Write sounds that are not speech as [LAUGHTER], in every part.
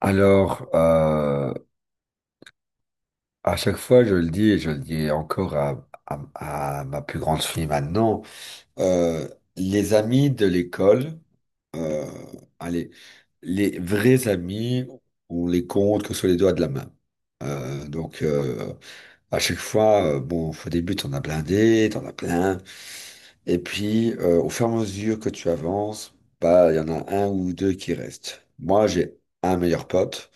Alors, à chaque fois, je le dis et je le dis encore à ma plus grande fille maintenant, euh, les amis de l'école, euh, allez, les vrais amis, on les compte que sur les doigts de la main. Donc, à chaque fois, bon, au début, t'en as blindé, t'en as plein, et puis, au fur et à mesure que tu avances, bah, il y en a un ou deux qui restent. Moi, j'ai un meilleur pote.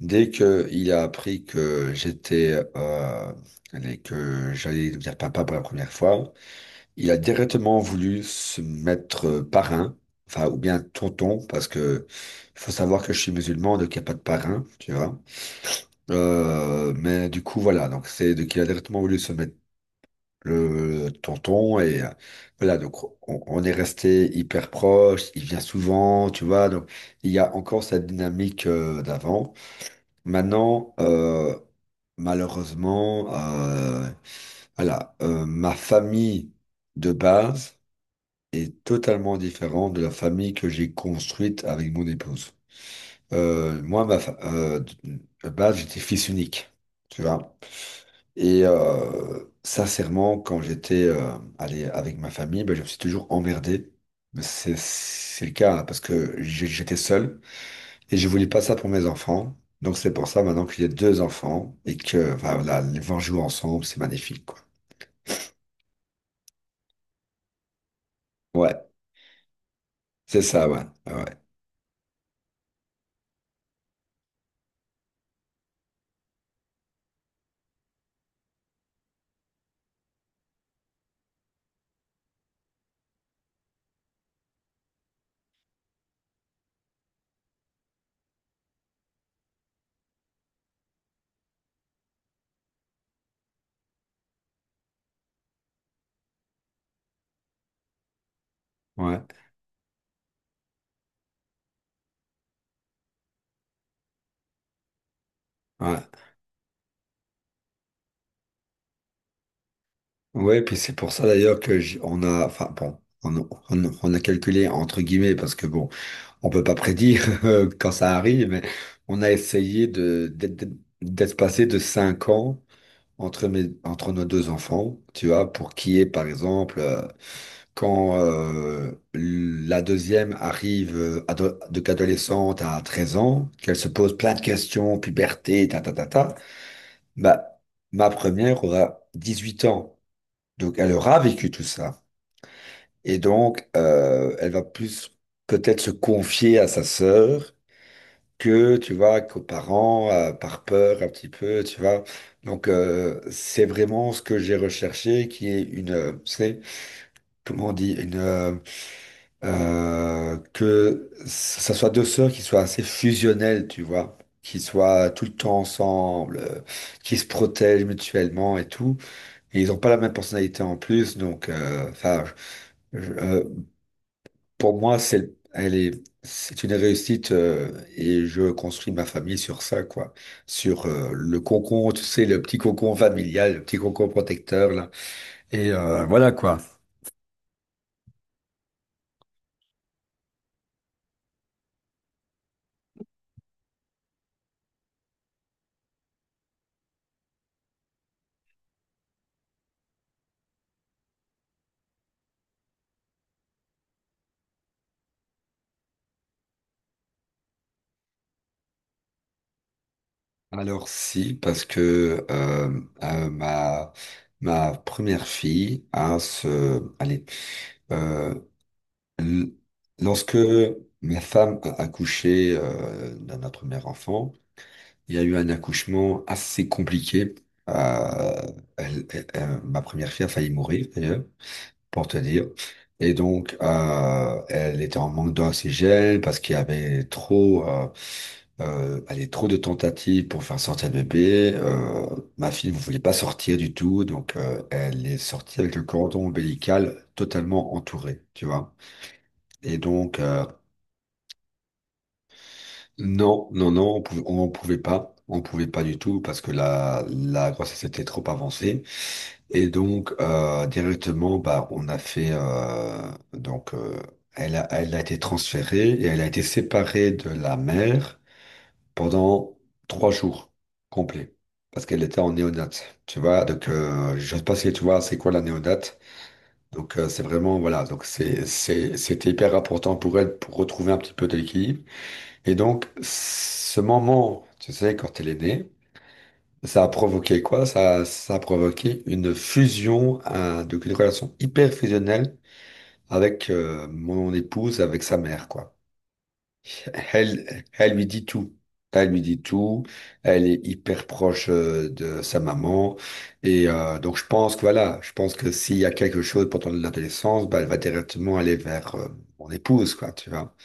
Dès que il a appris que j'étais et que j'allais devenir papa pour la première fois, il a directement voulu se mettre parrain, enfin ou bien tonton, parce que faut savoir que je suis musulman, donc il n'y a pas de parrain, tu vois. Mais du coup voilà, donc c'est donc il a directement voulu se mettre le tonton et voilà donc on est resté hyper proche. Il vient souvent, tu vois, donc il y a encore cette dynamique d'avant. Maintenant, malheureusement, voilà, ma famille de base est totalement différente de la famille que j'ai construite avec mon épouse. Moi, de base, j'étais fils unique, tu vois. Et sincèrement, quand j'étais allé avec ma famille, ben, je me suis toujours emmerdé. Mais c'est le cas, hein, parce que j'étais seul. Et je voulais pas ça pour mes enfants. Donc c'est pour ça maintenant qu'il y a deux enfants et que enfin, voilà, les voir jouer ensemble, c'est magnifique, quoi. Ouais, c'est ça, ouais. Ah ouais, ouais, ouais. Ouais, puis c'est pour ça d'ailleurs que on a, enfin bon, on, on a calculé entre guillemets parce que bon, on peut pas prédire [LAUGHS] quand ça arrive, mais on a essayé d'être passé de 5 ans entre nos deux enfants, tu vois, pour qui est par exemple. Quand la deuxième arrive ado- de qu'adolescente à 13 ans, qu'elle se pose plein de questions, puberté, ta ta ta ta, bah, ma première aura 18 ans. Donc elle aura vécu tout ça. Et donc elle va plus peut-être se confier à sa sœur que, tu vois, qu'aux parents, par peur un petit peu, tu vois. Donc c'est vraiment ce que j'ai recherché qui est une, tu comment on dit, une que ça soit deux sœurs qui soient assez fusionnelles, tu vois, qui soient tout le temps ensemble, qui se protègent mutuellement et tout. Et ils n'ont pas la même personnalité en plus, donc enfin, je- je- euh, pour moi, c'est une réussite et je construis ma famille sur ça, quoi, sur le cocon, tu sais, le petit cocon familial, le petit cocon protecteur là. Et voilà quoi. Alors si, parce que ma première fille, hein, allez, euh, l- lorsque ma femme a accouché de notre premier enfant, il y a eu un accouchement assez compliqué. Euh, ma première fille a failli mourir, d'ailleurs, pour te dire. Et donc, elle était en manque d'oxygène parce qu'il y avait trop. Allez, trop de tentatives pour faire sortir le bébé. Ma fille ne voulait pas sortir du tout, donc elle est sortie avec le cordon ombilical totalement entouré, tu vois. Et donc, non, non, non, on pouvait pas. On pouvait pas du tout parce que la grossesse était trop avancée. Et donc, directement, bah, on a fait... donc, elle a été transférée et elle a été séparée de la mère, pendant trois jours complets. Parce qu'elle était en néonate, tu vois. Donc, je sais pas si tu vois, c'est quoi la néonate. Donc, c'est vraiment, voilà. Donc, c'était hyper important pour elle pour retrouver un petit peu d'équilibre. Et donc, ce moment, tu sais, quand elle est née, ça a provoqué quoi? Ça a provoqué une fusion, donc une relation hyper fusionnelle avec mon épouse, avec sa mère, quoi. Elle, elle lui dit tout. Elle lui dit tout. Elle est hyper proche de sa maman. Et donc, je pense que voilà, je pense que s'il y a quelque chose pendant l'adolescence, bah, elle va directement aller vers mon épouse, quoi, tu vois.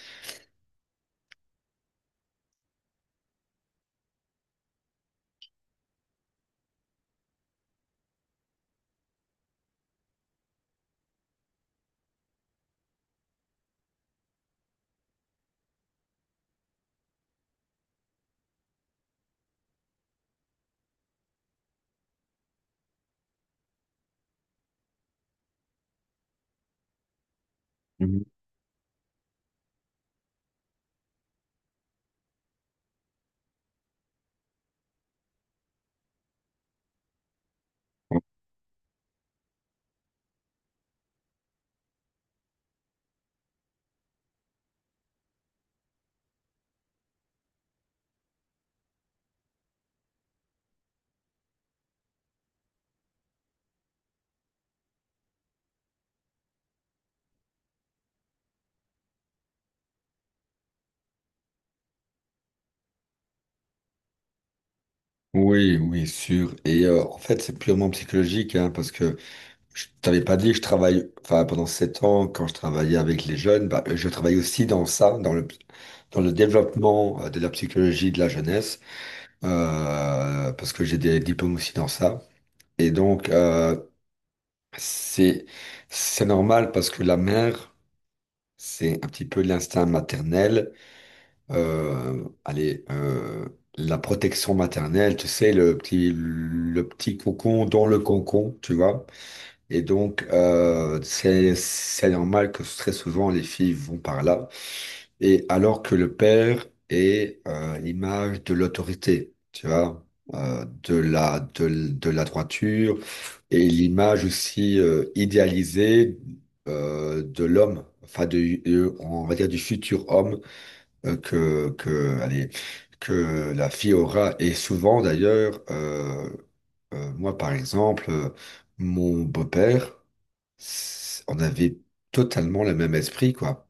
Mhm. Oui, oui, sûr. Et en fait, c'est purement psychologique, hein, parce que je t'avais pas dit, je travaille, enfin, pendant 7 ans, quand je travaillais avec les jeunes, bah, je travaille aussi dans ça, dans le développement de la psychologie de la jeunesse. Parce que j'ai des diplômes aussi dans ça. Et donc, c'est, c'est normal parce que la mère, c'est un petit peu l'instinct maternel. Allez, la protection maternelle, tu sais, le petit cocon dans le cocon, tu vois. Et donc, c'est normal que très souvent les filles vont par là. Et alors que le père est l'image de l'autorité, tu vois, de la droiture, et l'image aussi idéalisée de l'homme, enfin, on va dire du futur homme allez, que la fille aura. Et souvent, d'ailleurs, moi, par exemple, mon beau-père, on avait totalement le même esprit, quoi.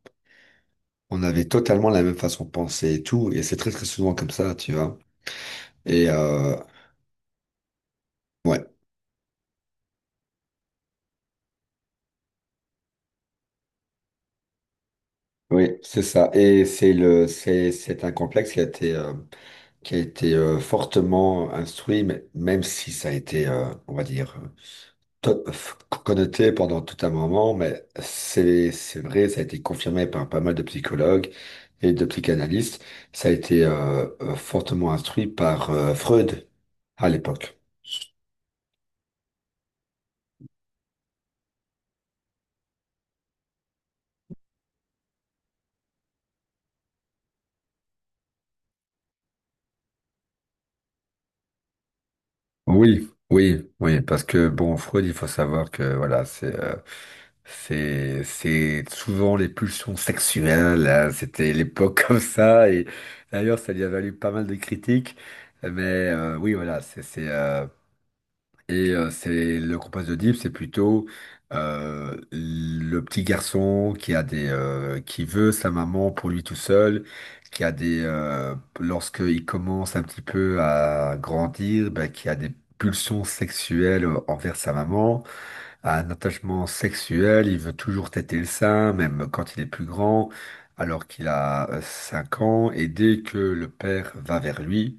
On avait totalement la même façon de penser et tout, et c'est très très souvent comme ça, tu vois. Et ouais, oui, c'est ça. Et c'est un complexe qui a été fortement instruit, même si ça a été, on va dire, to- f- connoté pendant tout un moment, mais c'est vrai, ça a été confirmé par pas mal de psychologues et de psychanalystes. Ça a été fortement instruit par Freud à l'époque. Oui, oui, oui, parce que bon, Freud, il faut savoir que voilà, c'est souvent les pulsions sexuelles, hein, c'était l'époque [LAUGHS] comme ça, et d'ailleurs, ça lui a valu pas mal de critiques, mais oui, voilà, c'est le compas de Deep. C'est plutôt le petit garçon qui a des qui veut sa maman pour lui tout seul, qui a des lorsqu'il commence un petit peu à grandir, bah, qui a des pulsions sexuelles envers sa maman, un attachement sexuel, il veut toujours têter le sein, même quand il est plus grand, alors qu'il a 5 ans, et dès que le père va vers lui,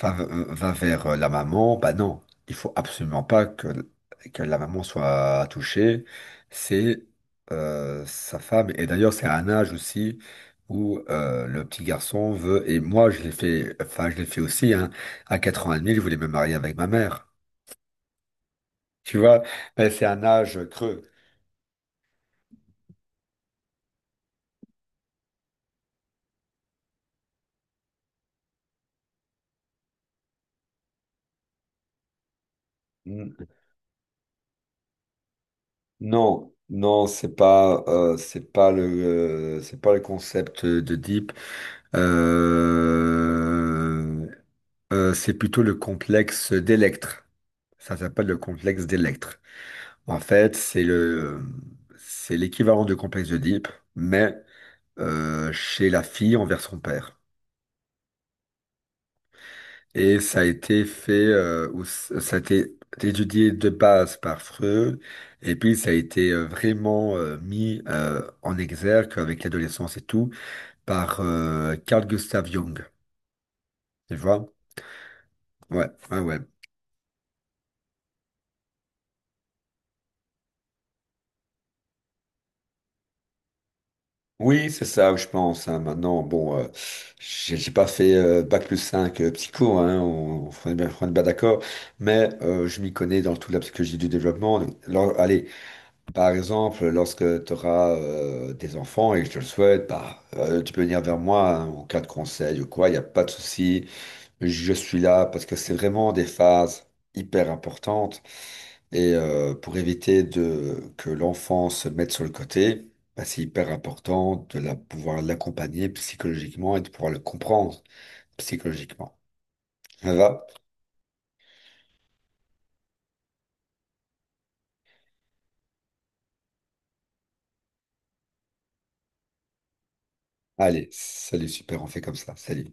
va vers la maman, bah non, il faut absolument pas que, la maman soit touchée, c'est sa femme, et d'ailleurs c'est à un âge aussi où le petit garçon veut, et moi je l'ai fait, enfin je l'ai fait aussi, hein, à 4 ans et demi, je voulais me marier avec ma mère, tu vois, mais c'est un âge creux. Non, non, c'est pas le concept de Deep. Euh, c'est plutôt le complexe d'Electre. Ça s'appelle le complexe d'Electre. En fait, c'est l'équivalent du complexe de Deep, mais chez la fille envers son père. Et ça a été fait, ça a été étudié de base par Freud, et puis ça a été vraiment mis en exergue avec l'adolescence et tout par Carl Gustav Jung. Tu vois? Ouais, ouais, ouais. Oui, c'est ça, je pense, hein. Maintenant, bon, j'ai pas fait bac+5 psycho, hein, on est bien d'accord, mais je m'y connais dans toute la psychologie du développement. Alors, allez, par exemple, lorsque tu auras des enfants et que je te le souhaite, bah, tu peux venir vers moi hein, en cas de conseil ou quoi, il n'y a pas de souci. Je suis là parce que c'est vraiment des phases hyper importantes. Et pour éviter que l'enfant se mette sur le côté, bah, c'est hyper important pouvoir l'accompagner psychologiquement et de pouvoir le comprendre psychologiquement. Ça va? Allez, salut, super, on fait comme ça. Salut.